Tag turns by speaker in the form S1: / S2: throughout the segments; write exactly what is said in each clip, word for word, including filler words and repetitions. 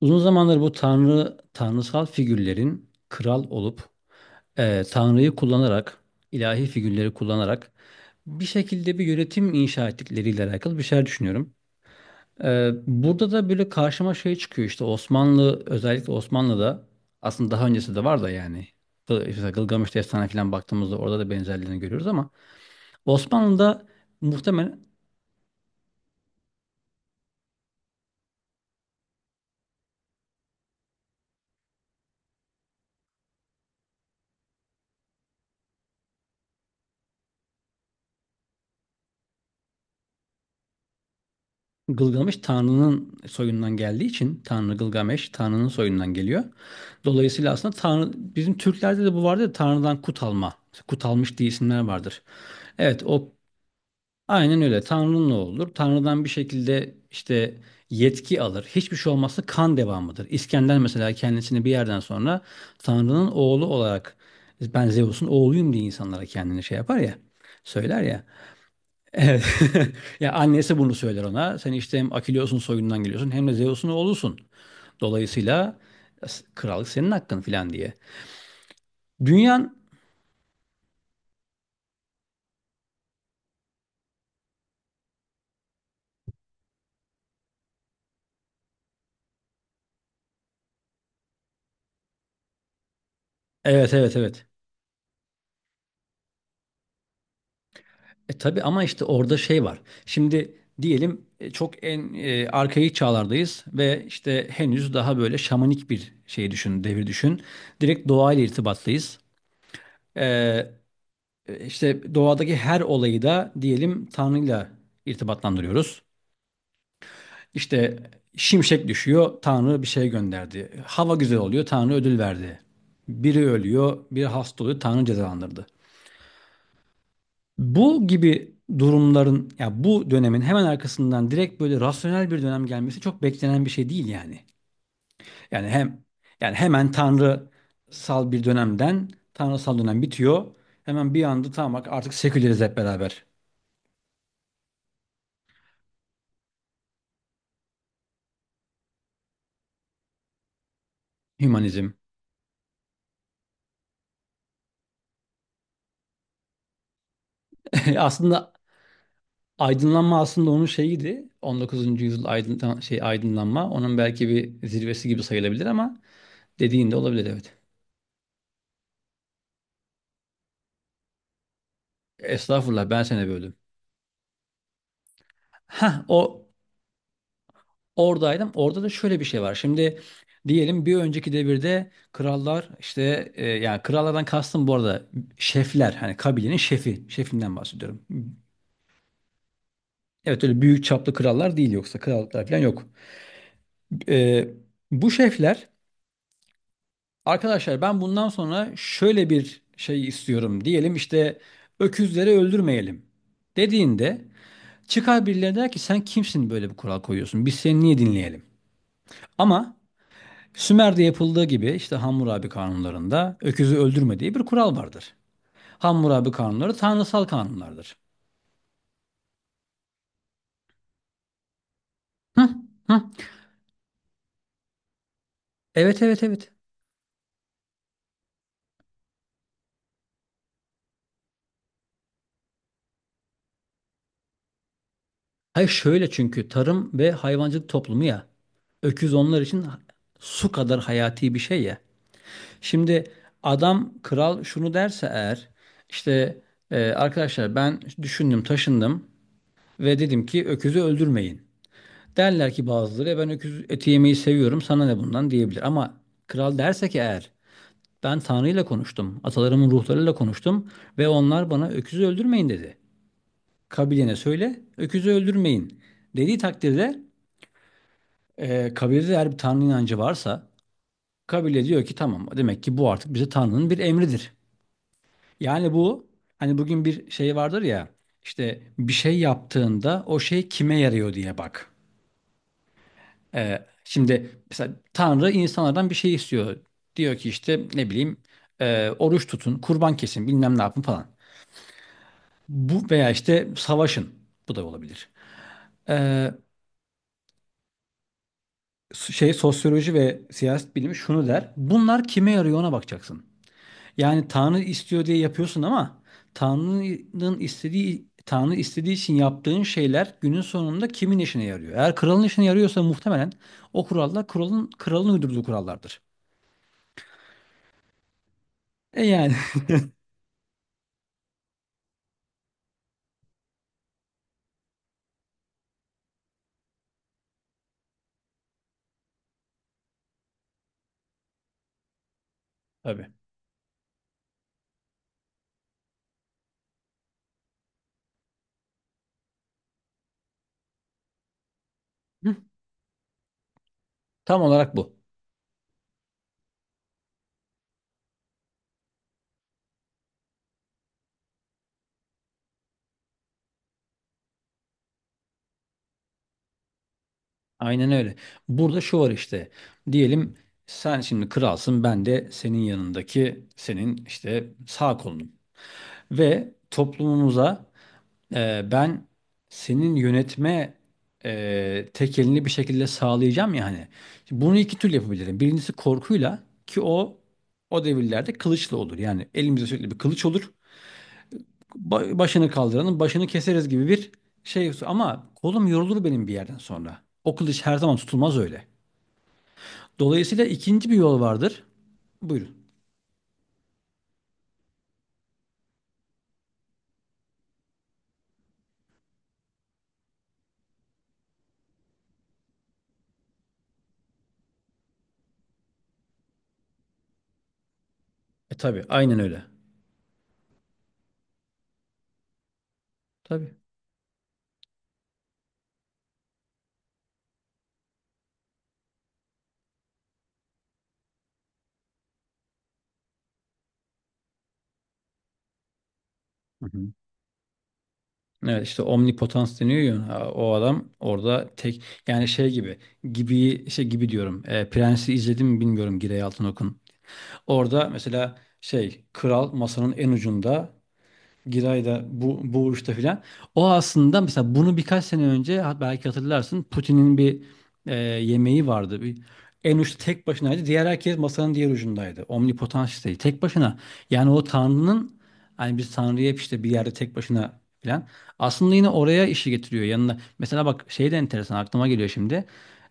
S1: Uzun zamandır bu tanrı tanrısal figürlerin kral olup e, tanrıyı kullanarak, ilahi figürleri kullanarak bir şekilde bir yönetim inşa ettikleriyle alakalı bir şeyler düşünüyorum. E, burada da böyle karşıma şey çıkıyor, işte Osmanlı, özellikle Osmanlı'da. Aslında daha öncesi de var da, yani Gıl- mesela Gılgamış Destanı falan baktığımızda orada da benzerlerini görüyoruz. Ama Osmanlı'da muhtemelen... Gılgamış Tanrı'nın soyundan geldiği için Tanrı Gılgameş Tanrı'nın soyundan geliyor. Dolayısıyla aslında Tanrı, bizim Türklerde de bu vardır ya, Tanrı'dan kut alma. Kut almış diye isimler vardır. Evet, o aynen öyle. Tanrı'nın ne olur, Tanrı'dan bir şekilde işte yetki alır. Hiçbir şey olmazsa kan devamıdır. İskender mesela, kendisini bir yerden sonra Tanrı'nın oğlu olarak, ben Zeus'un oğluyum diye insanlara kendini şey yapar ya söyler ya. Evet. Ya, annesi bunu söyler ona. Sen işte hem Akileus'un soyundan geliyorsun, hem de Zeus'un oğlusun. Dolayısıyla s- krallık senin hakkın filan diye. Dünyan. Evet, evet, evet. E tabii, ama işte orada şey var. Şimdi diyelim, e, çok en e, arkaik çağlardayız ve işte henüz daha böyle şamanik bir şey düşün, devir düşün. Direkt doğayla irtibattayız. E, e, işte doğadaki her olayı da diyelim Tanrı'yla irtibatlandırıyoruz. İşte şimşek düşüyor, Tanrı bir şey gönderdi. Hava güzel oluyor, Tanrı ödül verdi. Biri ölüyor, biri hasta oluyor, Tanrı cezalandırdı. Bu gibi durumların, ya bu dönemin hemen arkasından direkt böyle rasyonel bir dönem gelmesi çok beklenen bir şey değil, yani. Yani hem, yani hemen tanrısal bir dönemden, tanrısal dönem bitiyor, hemen bir anda tamam bak artık seküleriz hep beraber. Hümanizm. Aslında Aydınlanma aslında onun şeyiydi. on dokuzuncu yüzyıl aydın, şey aydınlanma. Onun belki bir zirvesi gibi sayılabilir, ama dediğin de olabilir, evet. Estağfurullah, ben seni böldüm. Ha, o oradaydım. Orada da şöyle bir şey var. Şimdi diyelim, bir önceki devirde krallar işte, e, yani krallardan kastım bu arada şefler, hani kabilenin şefi şefinden bahsediyorum. Evet, öyle büyük çaplı krallar değil, yoksa krallıklar falan yok. E, bu şefler... Arkadaşlar, ben bundan sonra şöyle bir şey istiyorum, diyelim işte öküzleri öldürmeyelim dediğinde, çıkar birileri der ki, sen kimsin böyle bir kural koyuyorsun? Biz seni niye dinleyelim? Ama Sümer'de yapıldığı gibi, işte Hammurabi kanunlarında öküzü öldürme diye bir kural vardır. Hammurabi kanunları tanrısal kanunlardır. Hı, hı. Evet, evet, evet. Hayır, şöyle, çünkü tarım ve hayvancılık toplumu ya. Öküz onlar için su kadar hayati bir şey ya. Şimdi adam, kral şunu derse eğer, işte e, arkadaşlar, ben düşündüm taşındım ve dedim ki öküzü öldürmeyin, derler ki bazıları, E, ben öküz eti yemeyi seviyorum, sana ne bundan, diyebilir. Ama kral derse ki eğer, ben Tanrı'yla konuştum, atalarımın ruhlarıyla konuştum ve onlar bana öküzü öldürmeyin dedi, kabilene söyle öküzü öldürmeyin dediği takdirde, e, kabilede eğer bir Tanrı inancı varsa, kabile diyor ki, tamam, demek ki bu artık bize Tanrı'nın bir emridir. Yani bu, hani bugün bir şey vardır ya, işte bir şey yaptığında o şey kime yarıyor diye bak. Ee, şimdi mesela Tanrı insanlardan bir şey istiyor, diyor ki işte ne bileyim, e, oruç tutun, kurban kesin, bilmem ne yapın falan. Bu, veya işte savaşın. Bu da olabilir. Ee, şey sosyoloji ve siyaset bilimi şunu der, bunlar kime yarıyor ona bakacaksın. Yani Tanrı istiyor diye yapıyorsun, ama Tanrı'nın istediği Tanrı istediği için yaptığın şeyler günün sonunda kimin işine yarıyor? Eğer kralın işine yarıyorsa, muhtemelen o kurallar kralın kralın uydurduğu kurallardır. E yani. Tabii. Hı, tam olarak bu. Aynen öyle. Burada şu var işte, diyelim sen şimdi kralsın, ben de senin yanındaki, senin işte sağ kolunum, ve toplumumuza... Ee, ben senin yönetme e, tek elini bir şekilde sağlayacağım ya, hani. Şimdi bunu iki türlü yapabilirim. Birincisi korkuyla, ki o o devirlerde kılıçla olur. Yani elimizde sürekli bir kılıç olur. Ba- başını kaldıranın başını keseriz gibi bir şey. Ama kolum yorulur benim bir yerden sonra. O kılıç her zaman tutulmaz öyle. Dolayısıyla ikinci bir yol vardır. Buyurun. E tabii, aynen öyle. Tabii. Evet, işte omnipotans deniyor ya, ha, o adam orada tek, yani şey gibi, gibi şey gibi diyorum, e, Prens'i izledim mi bilmiyorum, Girey Altınok'un. Orada mesela şey, kral masanın en ucunda, Giray'da bu bu uçta filan. O aslında mesela, bunu birkaç sene önce, ha- belki hatırlarsın, Putin'in bir e, yemeği vardı. Bir, en uçta tek başınaydı. Diğer herkes masanın diğer ucundaydı. Omnipotansiydi. Tek başına. Yani o Tanrı'nın, hani biz Tanrı'yı hep işte bir yerde tek başına filan. Aslında yine oraya işi getiriyor yanına. Mesela bak, şey de enteresan aklıma geliyor şimdi.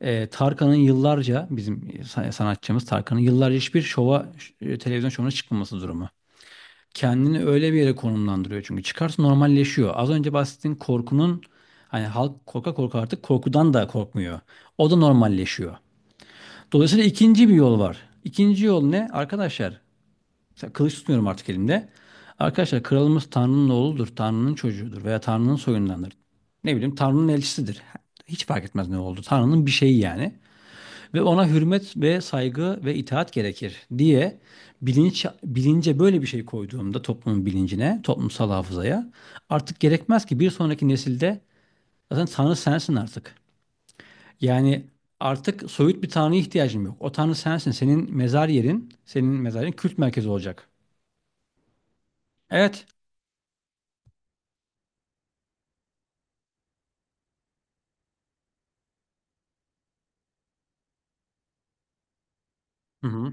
S1: E, Tarkan'ın yıllarca bizim sa- sanatçımız Tarkan'ın yıllarca hiçbir şova, ş- televizyon şovuna çıkmaması durumu, kendini öyle bir yere konumlandırıyor, çünkü çıkarsa normalleşiyor. Az önce bahsettiğin korkunun, hani halk korka korka artık korkudan da korkmuyor. O da normalleşiyor. Dolayısıyla ikinci bir yol var. İkinci yol ne? Arkadaşlar, mesela kılıç tutmuyorum artık elimde. Arkadaşlar, kralımız Tanrı'nın oğludur, Tanrı'nın çocuğudur veya Tanrı'nın soyundandır. Ne bileyim, Tanrı'nın elçisidir. Hiç fark etmez ne oldu, Tanrı'nın bir şeyi, yani, ve ona hürmet ve saygı ve itaat gerekir diye bilinç, bilince böyle bir şey koyduğumda, toplumun bilincine, toplumsal hafızaya, artık gerekmez ki bir sonraki nesilde, zaten Tanrı sensin artık. Yani artık soyut bir Tanrı'ya ihtiyacım yok. O Tanrı sensin. Senin mezar yerin, senin mezarın kült merkezi olacak. Evet. Hı hı.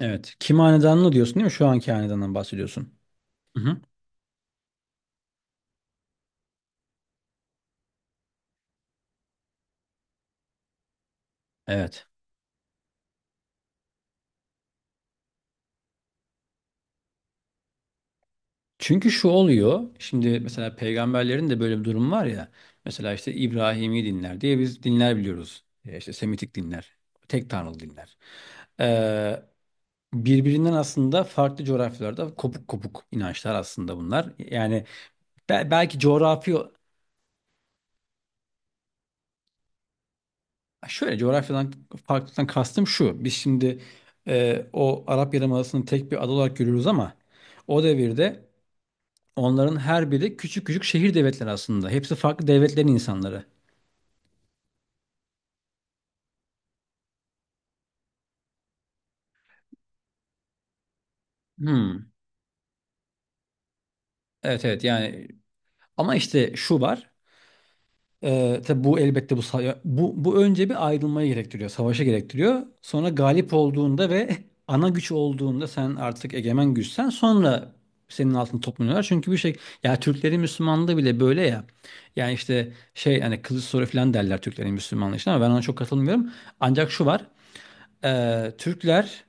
S1: Evet. Kim hanedanını diyorsun değil mi? Şu anki hanedandan bahsediyorsun. Hı hı. Evet. Çünkü şu oluyor. Şimdi mesela peygamberlerin de böyle bir durum var ya. Mesela işte İbrahimi dinler diye biz dinler biliyoruz. E, İşte Semitik dinler. Tek tanrılı dinler. Ee, birbirinden aslında farklı coğrafyalarda kopuk kopuk inançlar aslında bunlar. Yani, be- belki coğrafi... Şöyle, coğrafyadan farklılıktan kastım şu. Biz şimdi e, o Arap Yarımadası'nı tek bir ada olarak görüyoruz, ama o devirde onların her biri küçük küçük şehir devletleri aslında. Hepsi farklı devletlerin insanları. Hmm, evet evet, yani, ama işte şu var, e, tabi bu elbette, bu, sa- bu bu önce bir ayrılmayı gerektiriyor, savaşa gerektiriyor, sonra galip olduğunda ve ana güç olduğunda, sen artık egemen güçsen sonra senin altını toplanıyorlar, çünkü bir şey... Ya, Türklerin Müslümanlığı bile böyle ya. Yani işte, şey, hani kılıç soru falan derler Türklerin Müslümanlığı için, ama ben ona çok katılmıyorum. Ancak şu var, e, Türkler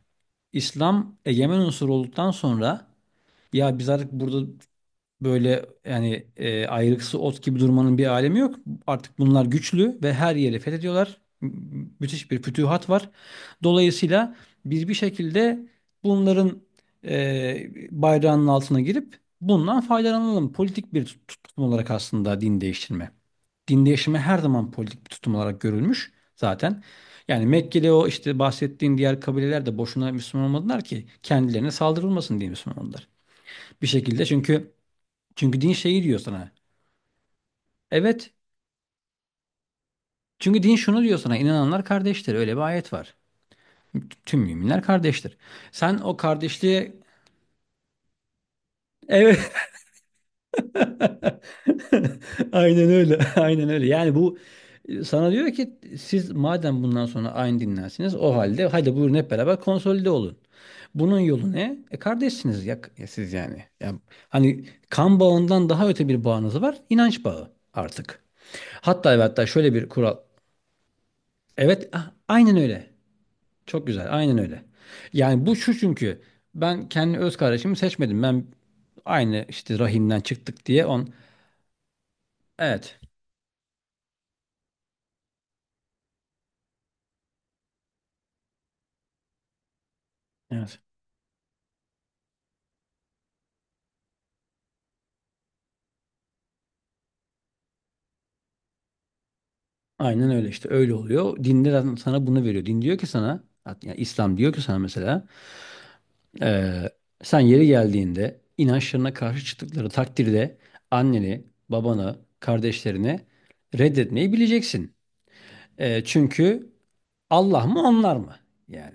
S1: İslam egemen unsur olduktan sonra, ya biz artık burada böyle, yani, e, ayrıksı ot gibi durmanın bir alemi yok. Artık bunlar güçlü ve her yeri fethediyorlar. M- Müthiş bir fütühat var. Dolayısıyla biz bir şekilde bunların e, bayrağının altına girip bundan faydalanalım. Politik bir tut- tutum olarak aslında, din değiştirme. Din değiştirme her zaman politik bir tutum olarak görülmüş zaten. Yani Mekke'de o, işte bahsettiğin diğer kabileler de boşuna Müslüman olmadılar, ki kendilerine saldırılmasın diye Müslüman oldular. Bir şekilde, çünkü çünkü din şeyi diyor sana. Evet. Çünkü din şunu diyor sana. İnananlar kardeştir. Öyle bir ayet var. Tüm müminler kardeştir. Sen o kardeşliğe... Evet. Aynen öyle. Aynen öyle. Yani bu, e, sana diyor ki, siz madem bundan sonra aynı dinlensiniz, o halde hadi buyurun hep beraber konsolide olun. Bunun yolu ne? E, kardeşsiniz ya, ya siz, yani. Ya, hani kan bağından daha öte bir bağınız var. İnanç bağı artık. Hatta ve hatta şöyle bir kural. Evet, ah, aynen öyle. Çok güzel. Aynen öyle. Yani bu şu, çünkü ben kendi öz kardeşimi seçmedim. Ben aynı işte rahimden çıktık diye on... Evet. Evet. Aynen öyle, işte öyle oluyor. Dinde zaten sana bunu veriyor. Din diyor ki sana, hat- yani İslam diyor ki sana mesela, eee, sen yeri geldiğinde inançlarına karşı çıktıkları takdirde anneni, babanı, kardeşlerini reddetmeyi bileceksin. Eee, çünkü Allah mı, onlar mı? Yani.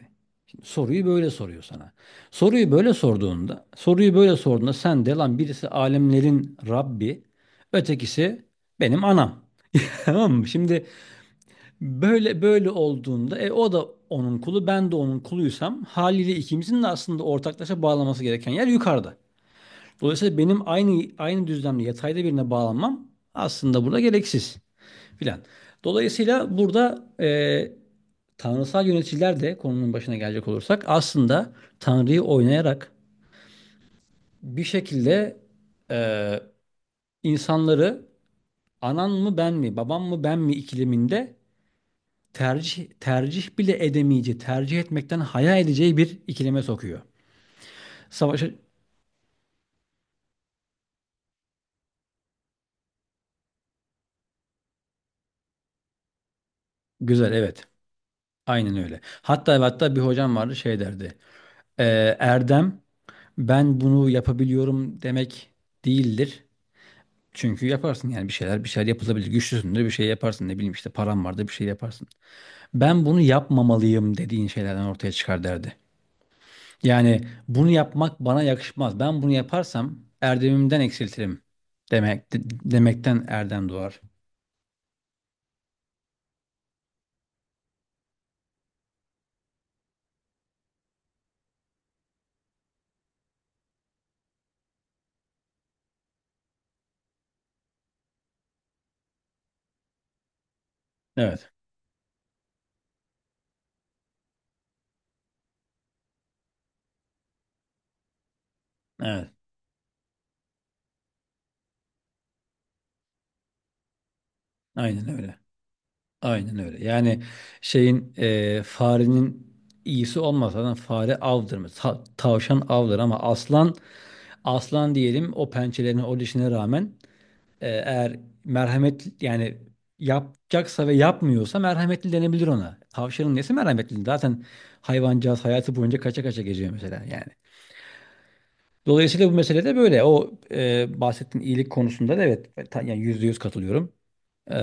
S1: Soruyu böyle soruyor sana. Soruyu böyle sorduğunda, soruyu böyle sorduğunda sen de lan, birisi alemlerin Rabbi, ötekisi benim anam. Tamam mı? Şimdi böyle, böyle olduğunda e, o da onun kulu, ben de onun kuluysam, haliyle ikimizin de aslında ortaklaşa bağlaması gereken yer yukarıda. Dolayısıyla benim aynı aynı düzlemde yatayda birine bağlanmam aslında burada gereksiz filan. Dolayısıyla burada e, tanrısal yöneticiler de, konunun başına gelecek olursak, aslında Tanrı'yı oynayarak bir şekilde e, insanları anan mı ben mi, babam mı ben mi ikileminde, tercih tercih bile edemeyeceği, tercih etmekten haya edeceği bir ikileme sokuyor. Savaşa... Güzel, evet, aynen öyle. Hatta ve hatta bir hocam vardı, şey derdi. E, Erdem, ben bunu yapabiliyorum demek değildir. Çünkü yaparsın, yani bir şeyler bir şeyler yapılabilir. Güçlüsündür, bir şey yaparsın, ne bileyim işte param vardı, bir şey yaparsın. Ben bunu yapmamalıyım dediğin şeylerden ortaya çıkar derdi. Yani, bunu yapmak bana yakışmaz, ben bunu yaparsam erdemimden eksiltirim demek de- demekten erdem doğar. Evet. Evet. Aynen öyle. Aynen öyle. Yani şeyin, e, farenin iyisi olmaz. Zaten fare avdır. Ta- tavşan avdır, ama aslan, aslan diyelim, o pençelerine o dişine rağmen... Ee, eğer merhamet, yani, yapacaksa ve yapmıyorsa merhametli denebilir ona. Tavşanın nesi merhametli? Zaten hayvancağız hayatı boyunca kaça kaça geziyor mesela, yani. Dolayısıyla bu mesele de böyle. O e, bahsettiğin iyilik konusunda da evet, ta- yani yüzde yüz katılıyorum. Ee,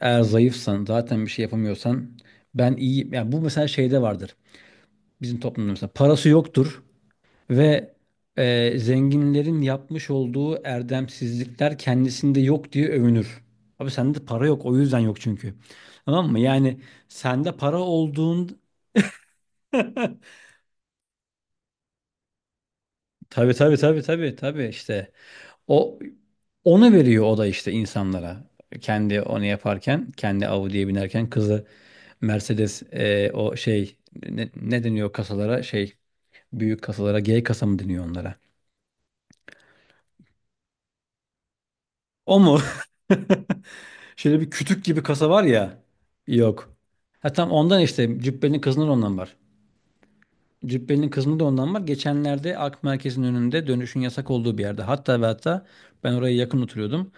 S1: eğer zayıfsan, zaten bir şey yapamıyorsan, ben iyi, yani, bu mesela şeyde vardır. Bizim toplumda mesela parası yoktur, ve e, zenginlerin yapmış olduğu erdemsizlikler kendisinde yok diye övünür. Abi, sende para yok o yüzden yok çünkü. Tamam mı? Yani sende para olduğun... Tabii, tabii, tabii, tabii, tabii, işte o, onu veriyor o da işte insanlara. Kendi onu yaparken, kendi Audi'ye binerken kızı Mercedes, e, o şey, ne, ne deniyor kasalara, şey, büyük kasalara, G kasa mı deniyor onlara? O mu? Şöyle bir kütük gibi kasa var ya. Yok. Ha, tam ondan işte, Cübbeli'nin kızının ondan var. Cübbeli'nin kızının da ondan var, geçenlerde Ak Merkez'in önünde dönüşün yasak olduğu bir yerde. Hatta ve hatta ben oraya yakın oturuyordum.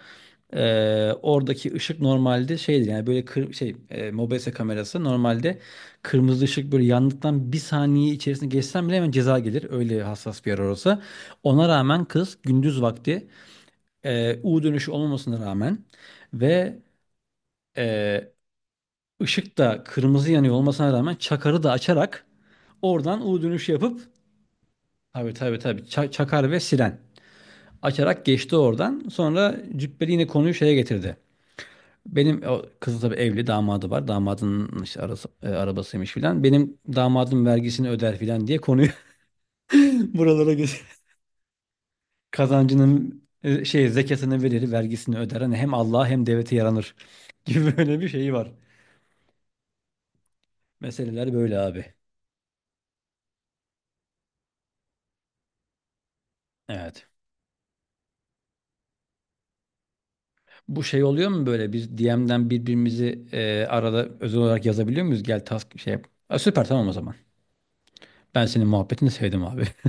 S1: Ee, oradaki ışık normalde şeydi, yani böyle kır, şey e, mobese kamerası normalde, kırmızı ışık böyle yandıktan bir saniye içerisinde geçsen bile hemen ceza gelir. Öyle hassas bir yer orası. Ona rağmen kız gündüz vakti, e, U dönüşü olmamasına rağmen ve e, ışık da kırmızı yanıyor olmasına rağmen, çakarı da açarak oradan U dönüşü yapıp... Tabii, tabii, tabii, ça- çakar ve siren açarak geçti oradan. Sonra Cübbeli yine konuyu şeye getirdi. Benim o kızı, tabii, evli, damadı var. Damadının işte arası, e, arabasıymış filan. Benim damadım vergisini öder filan diye konuyu buralara geç. Kazancının e, şey zekatını verir, vergisini öder, hani hem Allah'a hem devlete yaranır gibi böyle bir şeyi var. Meseleler böyle, abi. Evet. Bu şey oluyor mu, böyle bir D M'den birbirimizi e, arada özel olarak yazabiliyor muyuz? Gel task şey yap. Ha, süper, tamam o zaman. Ben senin muhabbetini sevdim, abi.